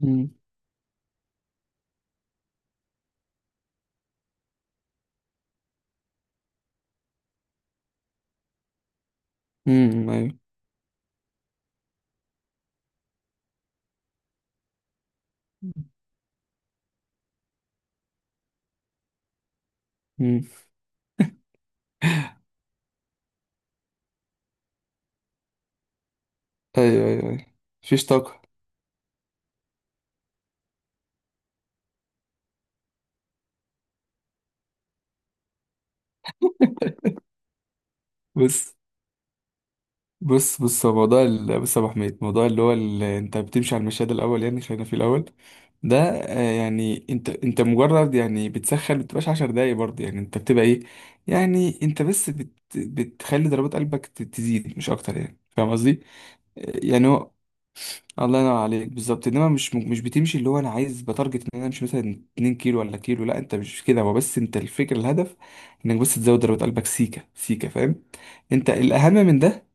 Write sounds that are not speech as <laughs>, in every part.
مم. مم. ايوه. مم. ايوه ايوه ايوه. مفيش طاقة. بس بص بص، هو موضوع بص يا ابو حميد، موضوع اللي هو اللي انت بتمشي على المشهد الاول، يعني خلينا في الاول ده. يعني انت مجرد يعني بتسخن، ما بتبقاش عشر دقايق برضه، يعني انت بتبقى ايه. يعني انت بس بتخلي ضربات قلبك تزيد مش اكتر، يعني فاهم قصدي؟ يعني هو، الله ينور عليك بالظبط. انما مش بتمشي، اللي هو انا عايز بتارجت ان انا امشي مثلا 2 كيلو ولا كيلو، لا انت مش كده، هو بس انت الفكره، الهدف انك بس تزود ضربات قلبك سيكه سيكه فاهم. انت الاهم من ده،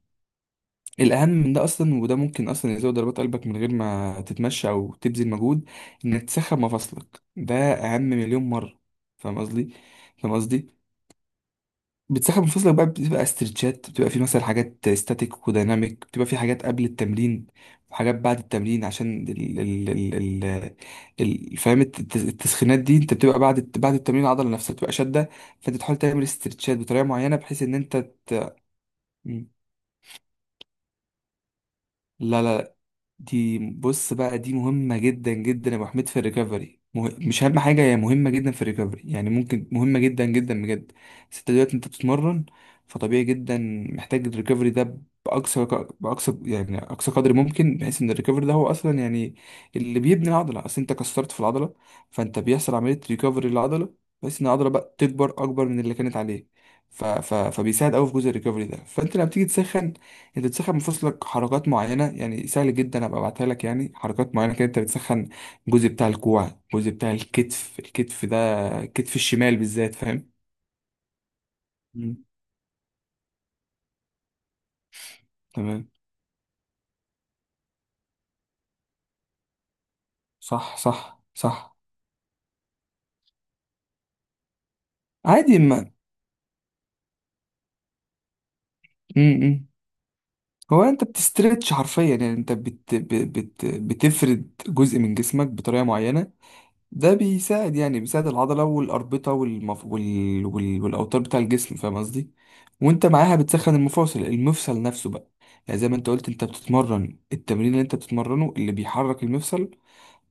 الاهم من ده اصلا، وده ممكن اصلا يزود ضربات قلبك من غير ما تتمشى او تبذل مجهود. انك تسخن مفاصلك ده اهم مليون مره. فاهم قصدي؟ فاهم قصدي؟ بتسحب من فصلك بقى، بتبقى استرتشات، بتبقى في مثلا حاجات ستاتيك وديناميك، بتبقى في حاجات قبل التمرين وحاجات بعد التمرين، عشان فاهم التسخينات دي، انت بتبقى بعد التمرين العضله نفسها بتبقى شاده. فانت تحاول تعمل استرتشات بطريقه معينه بحيث ان انت ت... لا لا، دي بص بقى، دي مهمة جدا جدا يا ابو حميد في الريكفري، مش اهم حاجة، هي مهمة جدا في الريكفري يعني، ممكن مهمة جدا جدا بجد. بس انت دلوقتي انت بتتمرن، فطبيعي جدا محتاج الريكفري ده بأقصى، يعني أقصى قدر ممكن، بحيث إن الريكفري ده هو أصلا يعني اللي بيبني العضلة، أصل أنت كسرت في العضلة، فأنت بيحصل عملية ريكفري للعضلة بحيث إن العضلة بقى تكبر أكبر من اللي كانت عليه. فبيساعد أوي في جزء الريكفري ده. فأنت لما بتيجي تسخن، انت بتسخن مفاصلك حركات معينه، يعني سهل جدا ابقى ابعتها لك، يعني حركات معينه كده انت بتسخن الجزء بتاع الكوع، الجزء بتاع الكتف، الكتف ده، الكتف الشمال بالذات فاهم. مم. تمام. صح صح صح. عادي. ما امم، هو انت بتسترتش حرفيا، يعني انت بتفرد جزء من جسمك بطريقه معينه. ده بيساعد، يعني بيساعد العضلة والأربطة والأوتار بتاع الجسم فاهم قصدي؟ وأنت معاها بتسخن المفاصل، المفصل نفسه بقى، يعني زي ما أنت قلت أنت بتتمرن التمرين اللي أنت بتتمرنه اللي بيحرك المفصل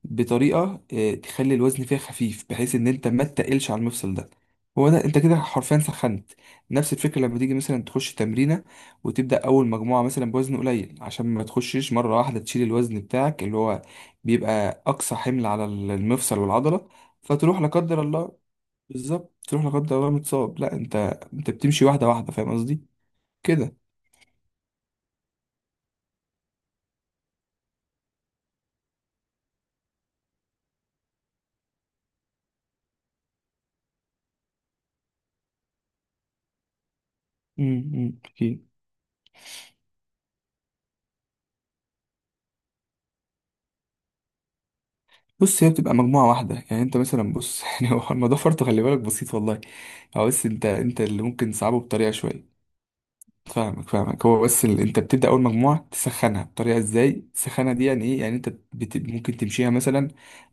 بطريقه تخلي الوزن فيها خفيف بحيث ان انت ما تتقلش على المفصل ده. هو ده، انت كده حرفيا سخنت. نفس الفكره لما تيجي مثلا تخش تمرينه وتبدا اول مجموعه مثلا بوزن قليل، عشان ما تخشش مره واحده تشيل الوزن بتاعك اللي هو بيبقى اقصى حمل على المفصل والعضله فتروح لا قدر الله، بالظبط تروح لا قدر الله متصاب. لا، انت انت بتمشي واحده واحده فاهم قصدي كده. امم. أمم، اكيد. بص، هي بتبقى مجموعة واحدة، يعني انت مثلا بص <laughs> يعني هو الموضوع فرط، خلي بالك، بسيط والله. هو بس انت اللي ممكن تصعبه بطريقة شوية. فاهمك فاهمك. هو بس اللي انت بتبدأ اول مجموعة تسخنها، بطريقة ازاي تسخنها دي يعني ايه؟ يعني انت ممكن تمشيها مثلا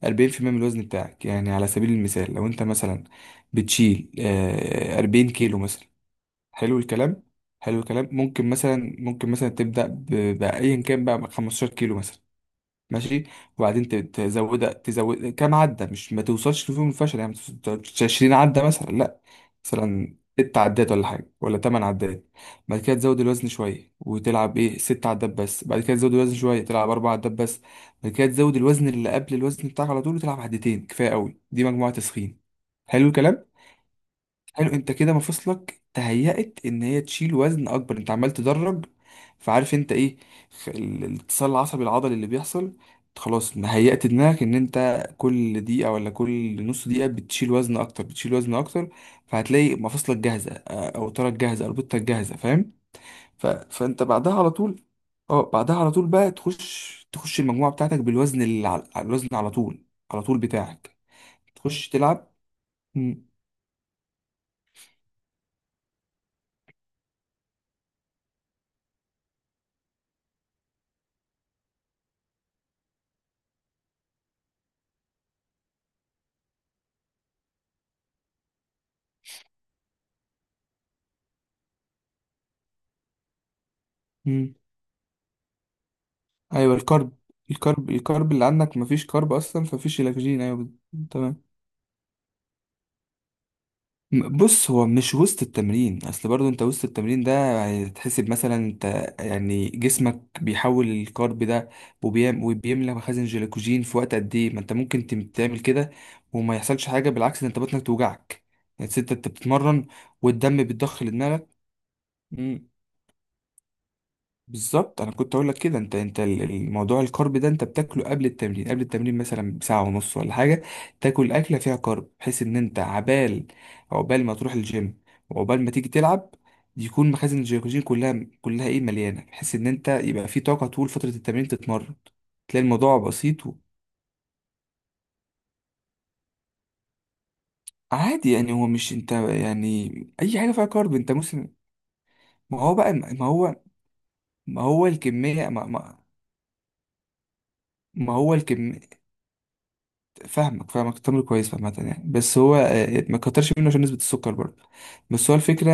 40% من الوزن بتاعك، يعني على سبيل المثال لو انت مثلا بتشيل 40 كيلو مثلا. حلو الكلام، حلو الكلام. ممكن مثلا ممكن مثلا تبدأ بأيا كان بقى 15 كيلو مثلا، ماشي. وبعدين تزودها، تزود كام عدة، مش ما توصلش لفيهم الفشل يعني، ما توصلش 20 عدة مثلا لا، مثلا ست عدات ولا حاجة ولا تمن عدات. بعد كده تزود الوزن شوية وتلعب ايه ست عدات بس، بعد كده تزود الوزن شوية تلعب أربع عدات بس. بعد كده تزود الوزن اللي قبل الوزن بتاعك على طول وتلعب عدتين كفاية قوي، دي مجموعة تسخين. حلو الكلام. حلو، انت كده مفاصلك تهيأت ان هي تشيل وزن اكبر، انت عمال تدرج. فعارف انت ايه، الاتصال العصبي العضلي اللي بيحصل، خلاص هيأت دماغك ان انت كل دقيقة ولا كل نص دقيقة بتشيل وزن اكتر، بتشيل وزن اكتر. فهتلاقي مفاصلك جاهزة، اوترك جاهزة، اربطتك جاهزة فاهم. فانت بعدها على طول. اه بعدها على طول بقى تخش، تخش المجموعة بتاعتك بالوزن اللي على الوزن على طول، على طول بتاعك. تخش تلعب. مم. ايوه الكرب. الكرب اللي عندك، مفيش كرب اصلا، فمفيش الاكسجين. ايوه تمام. بص، هو مش وسط التمرين، اصل برضو انت وسط التمرين ده هتحسب مثلا انت، يعني جسمك بيحول الكرب ده وبيم وبيملى مخازن جلوكوجين في وقت قد ايه، ما انت ممكن تعمل كده وما يحصلش حاجه، بالعكس ده انت بطنك توجعك يعني انت بتتمرن والدم بيتضخ لدماغك. بالظبط، انا كنت اقول لك كده، انت الموضوع الكارب ده انت بتاكله قبل التمرين، قبل التمرين مثلا بساعه ونص ولا حاجه، تاكل اكله فيها كارب بحيث ان انت عبال، عقبال ما تروح الجيم وعقبال ما تيجي تلعب يكون مخازن الجلوكوجين كلها كلها ايه مليانه، بحيث ان انت يبقى في طاقه طول فتره التمرين تتمرن. تلاقي الموضوع بسيط وعادي يعني، هو مش انت يعني اي حاجه فيها كارب انت مسلم. ما هو بقى، ما هو، ما هو الكميه، ما هو الكم. فاهمك فاهمك، التمر كويس عامة يعني، بس هو ما كترش منه عشان نسبة السكر برضه. بس هو الفكرة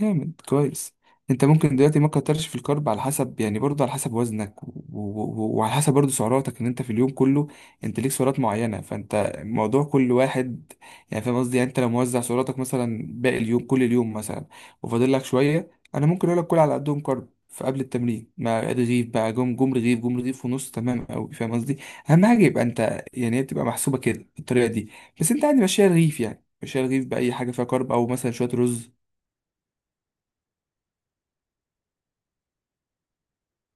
جامد، كويس. انت ممكن دلوقتي ما تكترش في الكارب على حسب، يعني برضه على حسب وزنك وعلى حسب برضه سعراتك، ان انت في اليوم كله انت ليك سعرات معينه، فانت موضوع كل واحد يعني فاهم قصدي. يعني انت لو موزع سعراتك مثلا، باقي اليوم كل اليوم مثلا، وفاضل لك شويه، انا ممكن اقول لك كل على قدهم كارب. فقبل التمرين مع رغيف بقى، جم رغيف ونص تمام قوي فاهم قصدي. اهم حاجه يبقى انت يعني هي بتبقى محسوبه كده بالطريقه دي. بس انت عادي ماشيها رغيف، يعني ماشيها رغيف باي حاجه فيها كارب او مثلا شويه رز.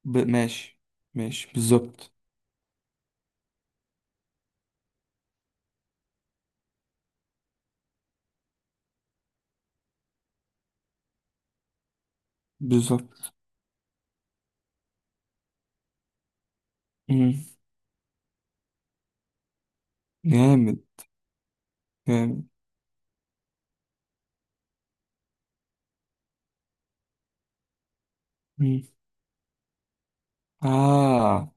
ماشي، ماشي بالظبط. بالظبط. مم. جامد. جامد. مم. آه.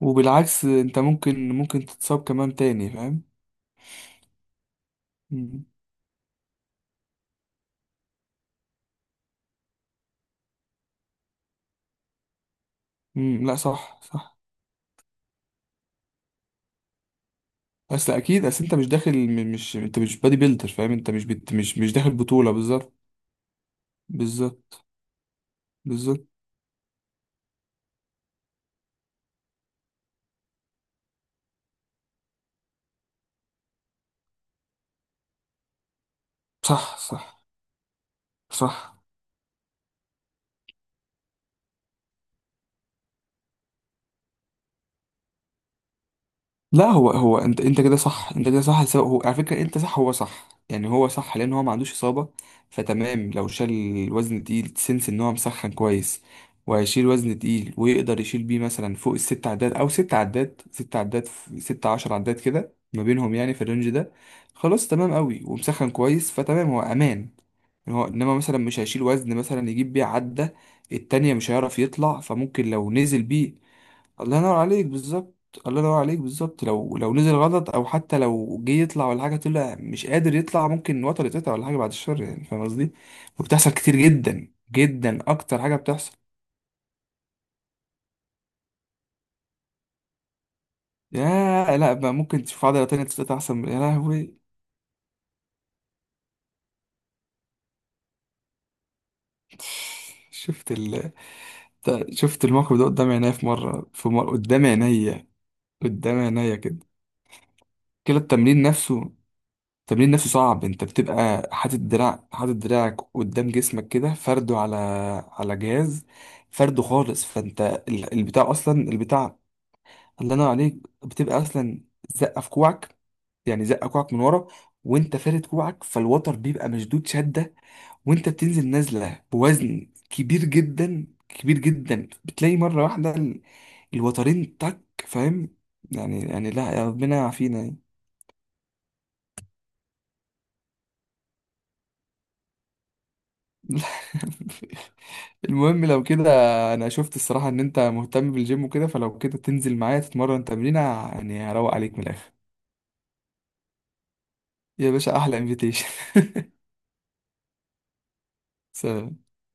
وبالعكس انت ممكن تتصاب كمان تاني فاهم. مم. مم. لا صح صح. بس اكيد، اصل انت مش داخل، مش انت مش بادي بيلدر فاهم انت مش مش داخل بطولة بالظبط. بالظبط. بالظبط. صح صح صح. لا هو انت كده صح، انت كده صح، سواء هو على فكره انت صح هو صح، يعني هو صح لان هو ما عندوش اصابه. فتمام لو شال الوزن التقيل تسنس ان هو مسخن كويس، وهيشيل وزن تقيل ويقدر يشيل بيه مثلا فوق الست عدات او ست عدات، ست عشر عدات كده ما بينهم يعني في الرينج ده. خلاص تمام قوي ومسخن كويس فتمام هو امان. إن هو انما مثلا مش هيشيل وزن مثلا يجيب بيه عدة التانية مش هيعرف يطلع، فممكن لو نزل بيه. الله ينور عليك بالظبط. الله ينور عليك بالظبط، لو نزل غلط، او حتى لو جه يطلع ولا حاجه، طلع مش قادر يطلع، ممكن وتر يتقطع ولا حاجه بعد الشر يعني فاهم قصدي. وبتحصل كتير جدا جدا، اكتر حاجه بتحصل. يا لا بقى، ممكن تشوف عضله تانية تتقطع احسن يا لهوي. <laughs> شفت شفت الموقف ده قدام عينيا، في مره في مره قدام عينيا، قدام عينيا كده. كده التمرين نفسه، التمرين نفسه صعب. انت بتبقى حاطط دراع، حاطط دراعك قدام جسمك كده فرده على جهاز، فرده خالص. فانت البتاع اصلا البتاع. الله ينور عليك. بتبقى اصلا زقه في كوعك، يعني زقه كوعك من ورا، وانت فارد كوعك فالوتر بيبقى مشدود شده. وانت بتنزل نازله بوزن كبير جدا كبير جدا، بتلاقي مره واحده الوترين تك فاهم، يعني لا، يا ربنا يعافينا. <laughs> المهم لو كده، انا شفت الصراحة ان انت مهتم بالجيم وكده، فلو كده تنزل معايا تتمرن تمرينة، يعني هروق عليك من الاخر. يا باشا احلى انفيتيشن. <laughs> سلام.